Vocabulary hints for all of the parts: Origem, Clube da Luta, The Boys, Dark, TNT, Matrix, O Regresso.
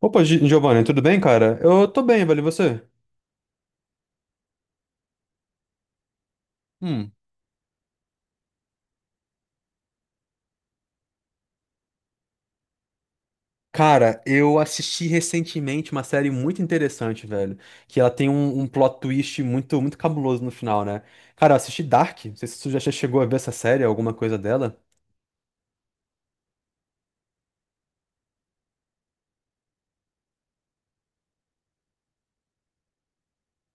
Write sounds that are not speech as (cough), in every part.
Opa, Giovanni, tudo bem, cara? Eu tô bem, velho, e você? Hum. Cara, eu assisti recentemente uma série muito interessante, velho. Que ela tem um plot twist muito, muito cabuloso no final, né? Cara, eu assisti Dark. Não sei se tu já chegou a ver essa série, alguma coisa dela.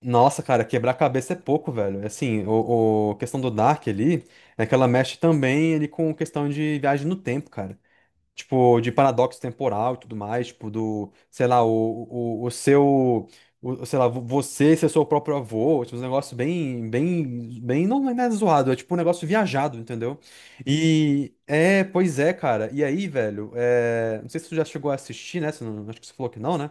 Nossa, cara, quebrar a cabeça é pouco, velho. Assim, a questão do Dark ali é que ela mexe também ali com questão de viagem no tempo, cara. Tipo, de paradoxo temporal e tudo mais, tipo, do, sei lá, o seu, o, sei lá, você ser seu próprio avô, tipo, um negócio bem, bem, bem, não é nada zoado, é tipo um negócio viajado, entendeu? Pois é, cara, e aí, velho, é, não sei se tu já chegou a assistir, né, se não, acho que você falou que não, né?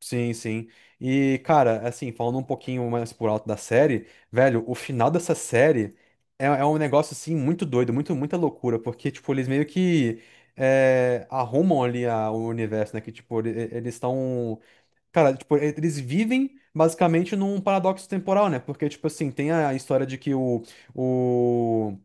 Sim, sim. E, cara, assim, falando um pouquinho mais por alto da série, velho, o final dessa série é um negócio, assim, muito doido, muito, muita loucura, porque, tipo, eles meio que é, arrumam ali o universo, né? Que, tipo, eles estão. Cara, tipo, eles vivem basicamente num paradoxo temporal, né? Porque, tipo, assim, tem a história de que o, o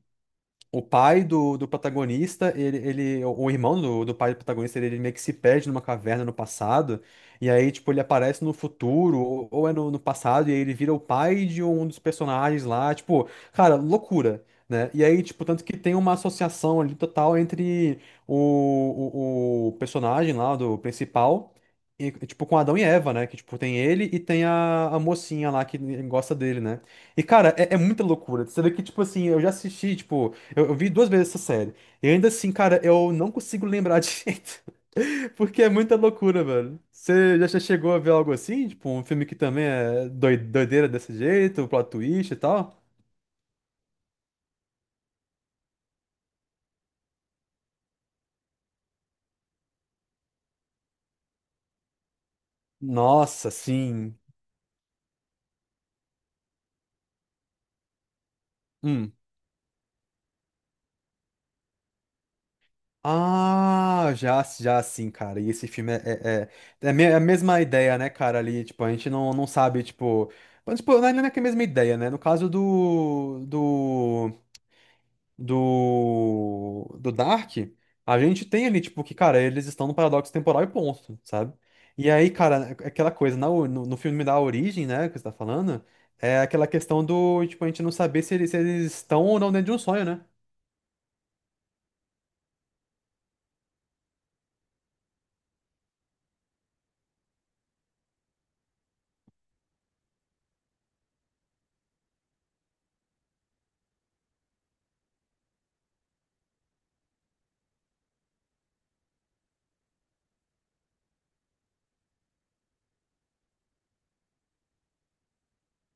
o pai do protagonista, ele, o irmão do pai do protagonista, ele meio que se perde numa caverna no passado, e aí, tipo, ele aparece no futuro, ou é no passado, e aí ele vira o pai de um dos personagens lá, tipo, cara, loucura. Né? E aí, tipo, tanto que tem uma associação ali total entre o personagem lá do principal, e, tipo, com Adão e Eva, né? Que, tipo, tem ele e tem a mocinha lá que gosta dele, né? E, cara, é muita loucura. Você vê que, tipo assim, eu já assisti, tipo, eu vi duas vezes essa série. E ainda assim, cara, eu não consigo lembrar direito. (laughs) Porque é muita loucura, velho. Você já chegou a ver algo assim? Tipo, um filme que também é doideira desse jeito, plot twist e tal? Nossa, sim. Hum. Ah, já, já sim, cara. E esse filme é, é é a mesma ideia, né, cara? Ali, tipo, a gente não, não sabe, tipo. Mas, tipo, não é que é a mesma ideia, né? No caso do Dark, a gente tem ali, tipo, que, cara, eles estão no paradoxo temporal e ponto, sabe? E aí, cara, é aquela coisa, na no filme da Origem, né, que você tá falando, é aquela questão do, tipo, a gente não saber se eles estão ou não dentro de um sonho, né?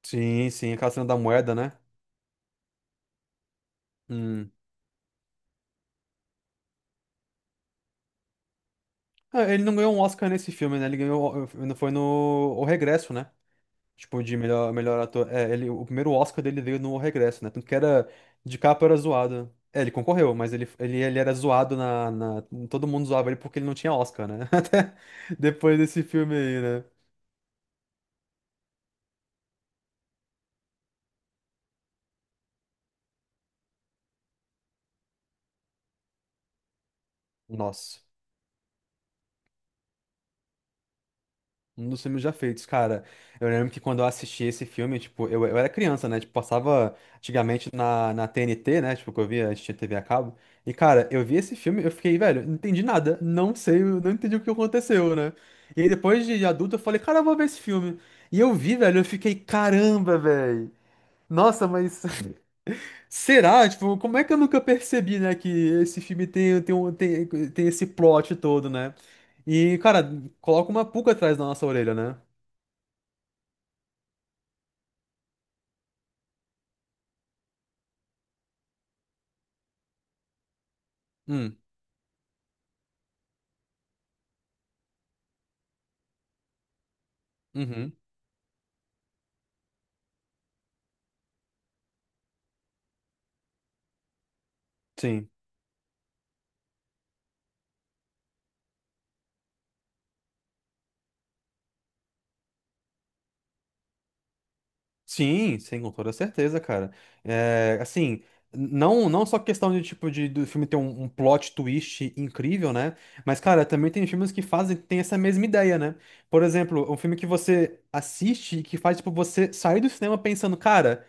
Sim, sim, aquela cena da moeda, né? Hum. Ah, ele não ganhou um Oscar nesse filme, né? Ele ganhou, foi no O Regresso, né? Tipo, de melhor ator. É, ele, o primeiro Oscar dele veio no O Regresso, né? Tanto que era. De capa era zoado. É, ele concorreu, mas ele era zoado na. Todo mundo zoava ele porque ele não tinha Oscar, né? (laughs) Até depois desse filme aí, né? Nossa. Um dos filmes já feitos, cara. Eu lembro que quando eu assisti esse filme, tipo, eu era criança, né? Tipo, passava antigamente na TNT, né? Tipo, que eu via, a gente tinha TV a cabo. E, cara, eu vi esse filme, eu fiquei, velho, não entendi nada. Não sei, eu não entendi o que aconteceu, né? E aí, depois de adulto, eu falei, cara, eu vou ver esse filme. E eu vi, velho, eu fiquei, caramba, velho. Nossa, mas. (laughs) Será? Tipo, como é que eu nunca percebi, né? Que esse filme tem esse plot todo, né? E, cara, coloca uma pulga atrás da nossa orelha, né? Hum, uhum, sim. Sim, sim, com toda certeza, cara. É, assim, não, não só questão de tipo de do filme ter um plot twist incrível, né? Mas, cara, também tem filmes que fazem, tem essa mesma ideia, né? Por exemplo, um filme que você assiste e que faz, tipo, você sair do cinema pensando, cara.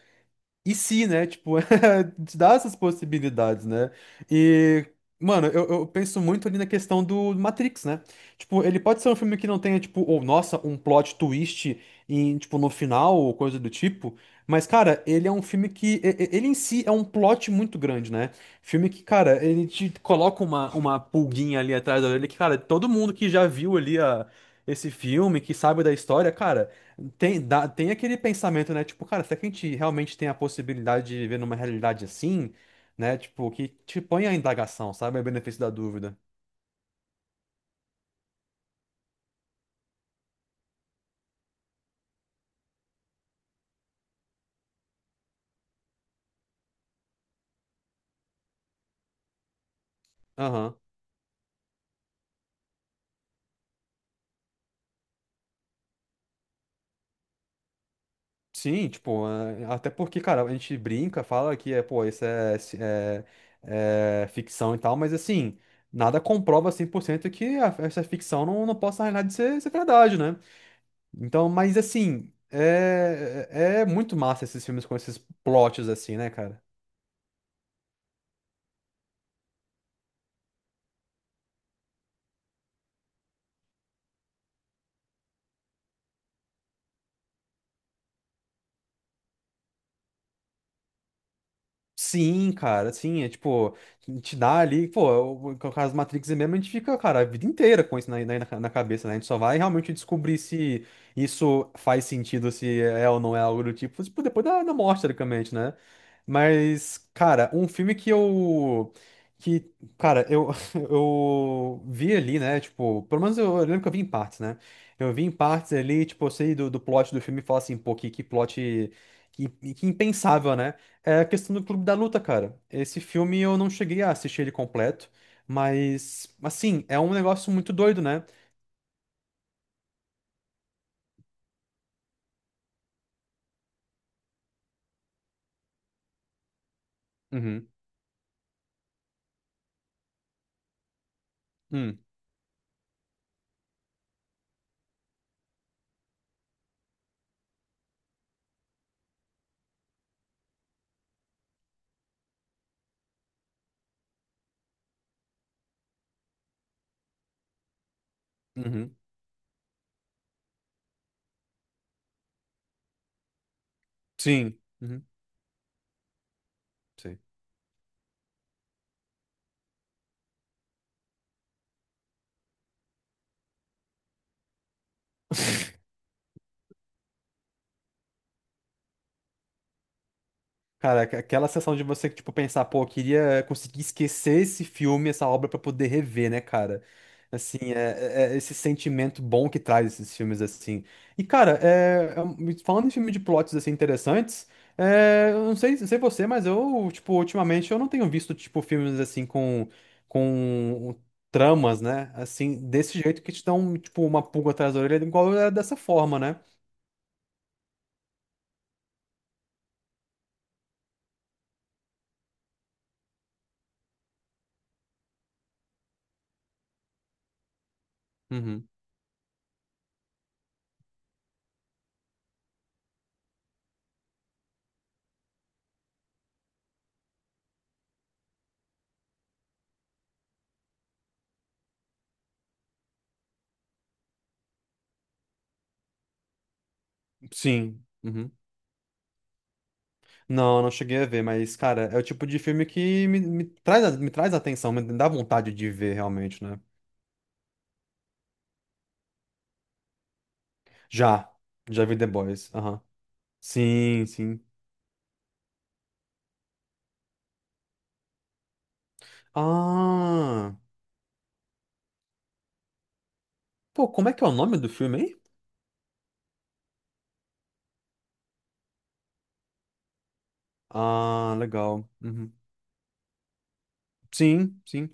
E se, né? Tipo, (laughs) te dá essas possibilidades, né? E, mano, eu penso muito ali na questão do Matrix, né? Tipo, ele pode ser um filme que não tenha, tipo, ou nossa, um plot twist em, tipo, no final ou coisa do tipo. Mas, cara, ele é um filme que. Ele em si é um plot muito grande, né? Filme que, cara, ele te coloca uma pulguinha ali atrás da orelha que, cara, todo mundo que já viu ali esse filme, que sabe da história, cara. Tem, tem aquele pensamento, né? Tipo, cara, será que a gente realmente tem a possibilidade de viver numa realidade assim, né? Tipo, que te põe a indagação, sabe? O benefício da dúvida. Aham. Sim, tipo, é, até porque, cara, a gente brinca, fala que é, pô, isso é, é ficção e tal, mas assim, nada comprova 100% que essa ficção não, não possa, na realidade, ser verdade, né? Então, mas assim, é, é muito massa esses filmes com esses plots assim, né, cara? Sim, cara, sim, é tipo, te dá ali, pô, o caso Matrix mesmo, a gente fica, cara, a vida inteira com isso na, na cabeça, né? A gente só vai realmente descobrir se isso faz sentido, se é ou não é algo do tipo, tipo, depois da morte, teoricamente, né? Mas, cara, um filme que, cara, eu, (laughs) eu vi ali, né, tipo, pelo menos eu lembro que eu vi em partes, né? Eu vi em partes ali, tipo, eu sei do plot do filme e falo assim, pô, que, que impensável, né? É a questão do Clube da Luta, cara. Esse filme eu não cheguei a assistir ele completo, mas, assim, é um negócio muito doido, né? Uhum, hum, uhum, sim, uhum, sei. (laughs) Cara, aquela sensação de você, tipo, pensar, pô, eu queria conseguir esquecer esse filme, essa obra, pra poder rever, né, cara? Assim, é, é esse sentimento bom que traz esses filmes, assim. E, cara, é, é falando em filme de plots, assim, interessantes, é, eu não sei, não sei você, mas eu, tipo, ultimamente eu não tenho visto, tipo, filmes, assim, com tramas, né? Assim, desse jeito que te dão, tipo, uma pulga atrás da orelha, igual é dessa forma, né? Uhum. Sim. Uhum. Não, não cheguei a ver, mas, cara, é o tipo de filme que me traz, me traz atenção, me dá vontade de ver realmente, né? Já, já vi The Boys, aham. Sim, sim. Ah, pô, como é que é o nome do filme, hein? Ah, legal. Uhum. Sim, sim.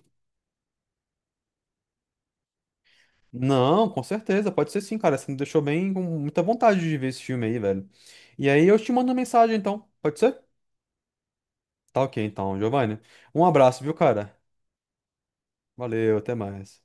Não, com certeza, pode ser sim, cara, você me deixou bem com muita vontade de ver esse filme aí, velho. E aí eu te mando uma mensagem, então, pode ser? Tá ok, então, Giovanni. Um abraço, viu, cara? Valeu, até mais.